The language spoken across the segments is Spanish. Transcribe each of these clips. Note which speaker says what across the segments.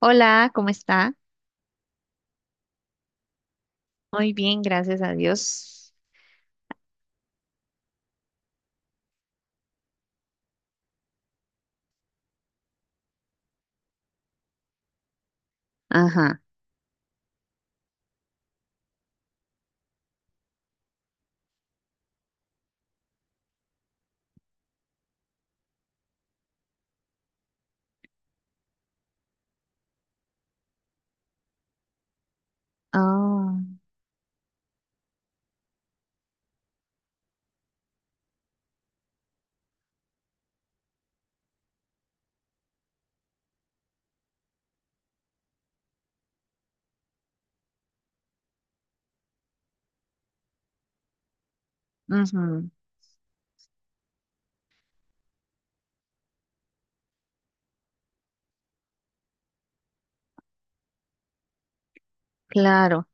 Speaker 1: Hola, ¿cómo está? Muy bien, gracias a Dios. Ajá. Ah, ujú, claro.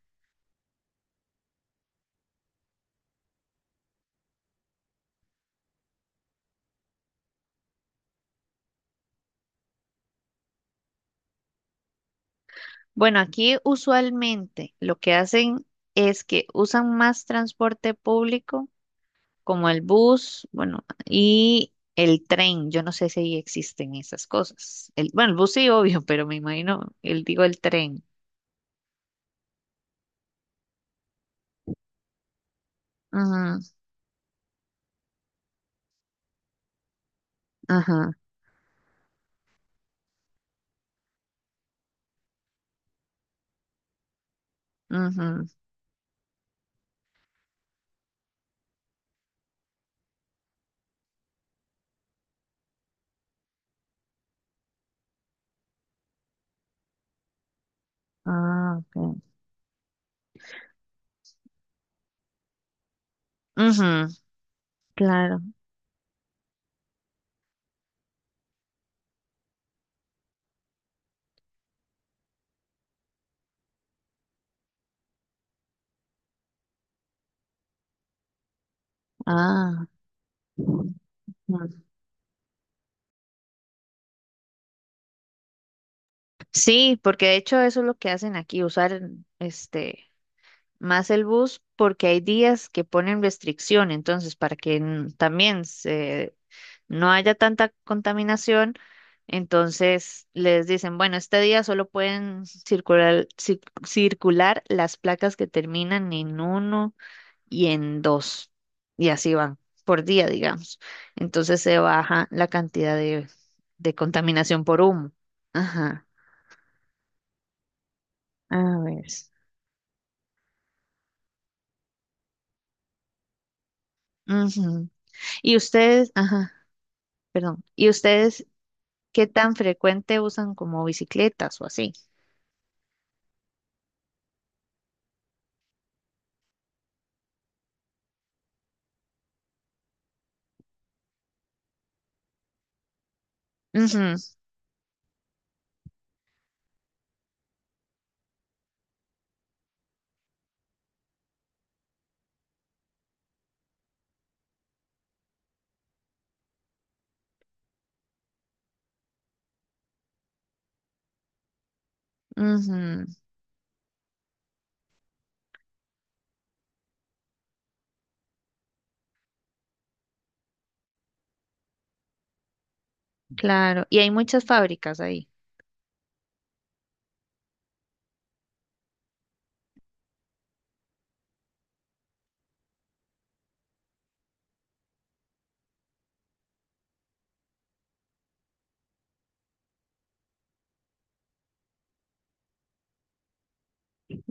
Speaker 1: Bueno, aquí usualmente lo que hacen es que usan más transporte público, como el bus, bueno, y el tren. Yo no sé si ahí existen esas cosas. El, bueno, el bus sí, obvio, pero me imagino, el, digo el tren. Ajá, ajá, ujú. Ah, ok. Ujú, claro. Ah. Sí, porque de hecho eso es lo que hacen aquí, usar este más el bus porque hay días que ponen restricción, entonces para que también se, no haya tanta contaminación, entonces les dicen, bueno, este día solo pueden circular circular las placas que terminan en uno y en dos, y así van por día, digamos. Entonces se baja la cantidad de contaminación por humo. Ajá. A ver. Ujú. Y ustedes, ajá, perdón. ¿Y ustedes qué tan frecuente usan como bicicletas o así? Ujú, ujú, claro. Y hay muchas fábricas ahí.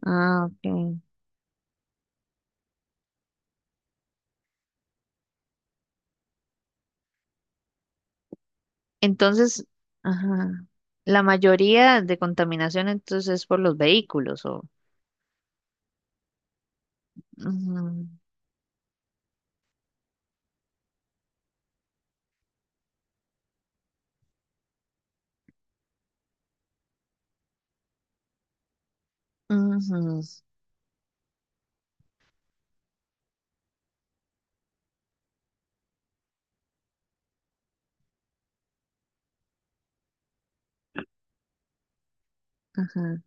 Speaker 1: Ah, ok. Entonces, ajá, la mayoría de contaminación entonces es por los vehículos o... Ujú, ujú, ajá.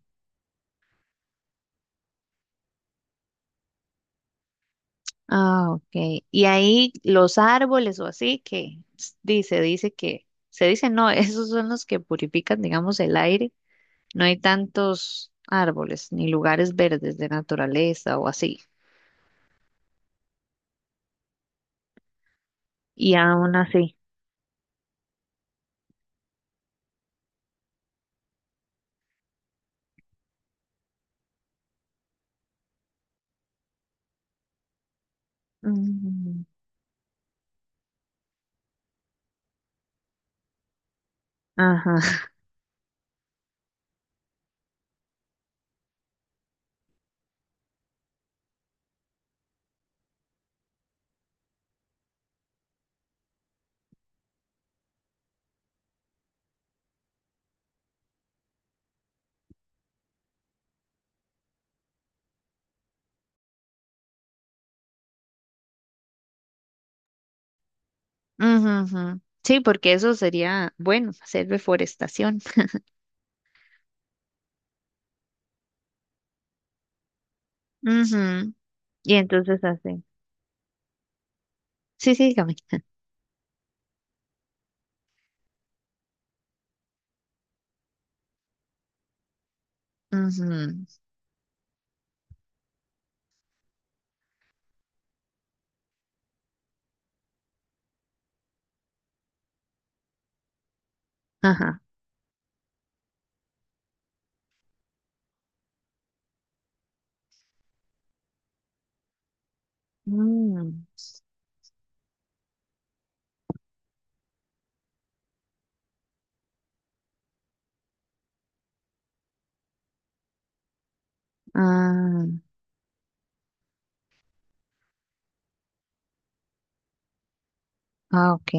Speaker 1: Ah, ok. Y ahí los árboles o así que dice que, se dice no, esos son los que purifican, digamos, el aire. No hay tantos árboles ni lugares verdes de naturaleza o así. Y aún así. Ujú. Ajá. Ujú, ujú. Sí, porque eso sería, bueno, hacer deforestación. Ujú. Y entonces así. Sí, sí, dígame. Ujú. Ajá. Mm. Ah, ah, ok.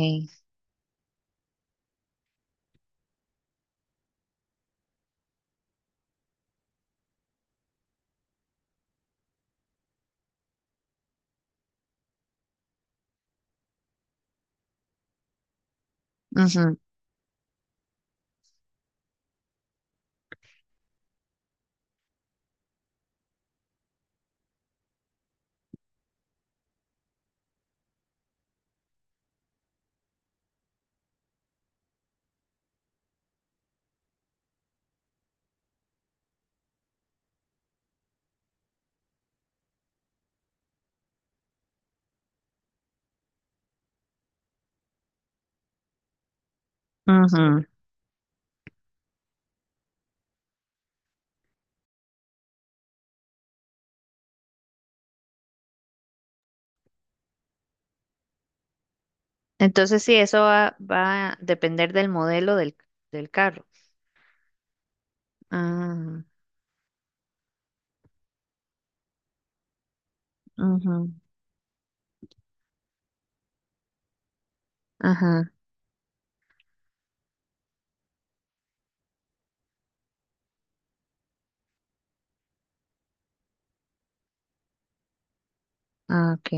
Speaker 1: Ujú, ujú. Entonces sí, eso va a depender del modelo del, del carro. Ah, ujú. Ajá. Ah, ok.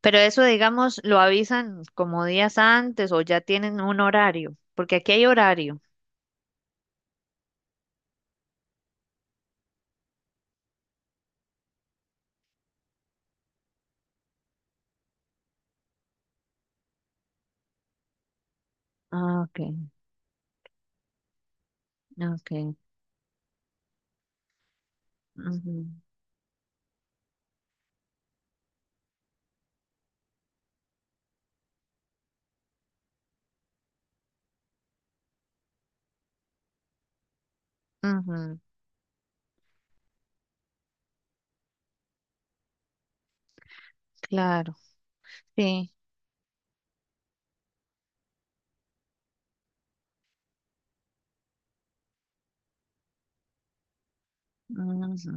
Speaker 1: Pero eso, digamos, lo avisan como días antes o ya tienen un horario, porque aquí hay horario. Ah, ok, ok. Ujú, ujú, claro, sí. Ujú.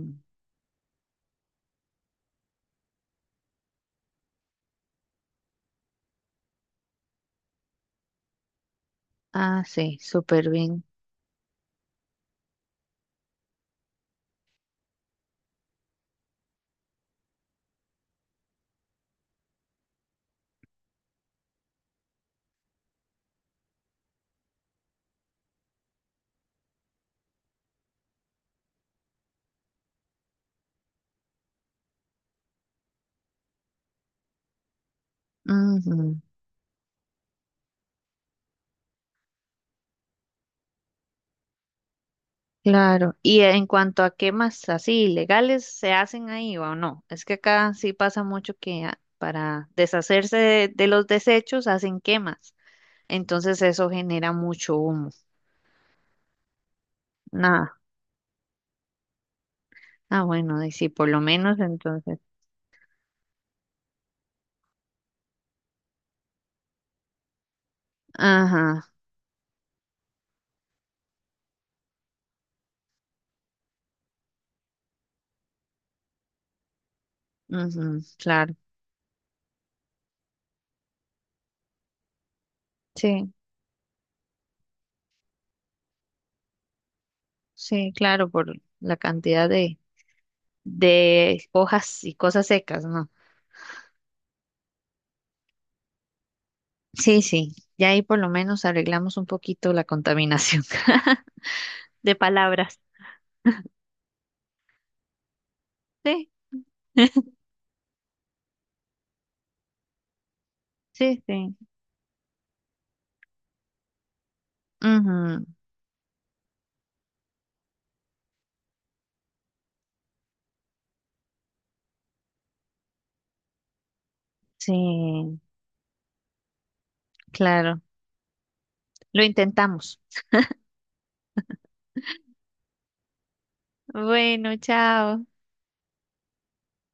Speaker 1: Ah, sí, súper bien. Ujú, claro. Y en cuanto a quemas así ilegales, ¿se hacen ahí o no? Es que acá sí pasa mucho que para deshacerse de los desechos hacen quemas. Entonces eso genera mucho humo. Nada. Ah, bueno, y sí, por lo menos entonces. Ajá, ujú, claro. Sí, sí, claro, por la cantidad de hojas y cosas secas, ¿no? Sí, sí, ya ahí por lo menos arreglamos un poquito la contaminación de palabras. Sí, sí, sí. Ujú, sí, claro. Lo intentamos. Bueno, chao.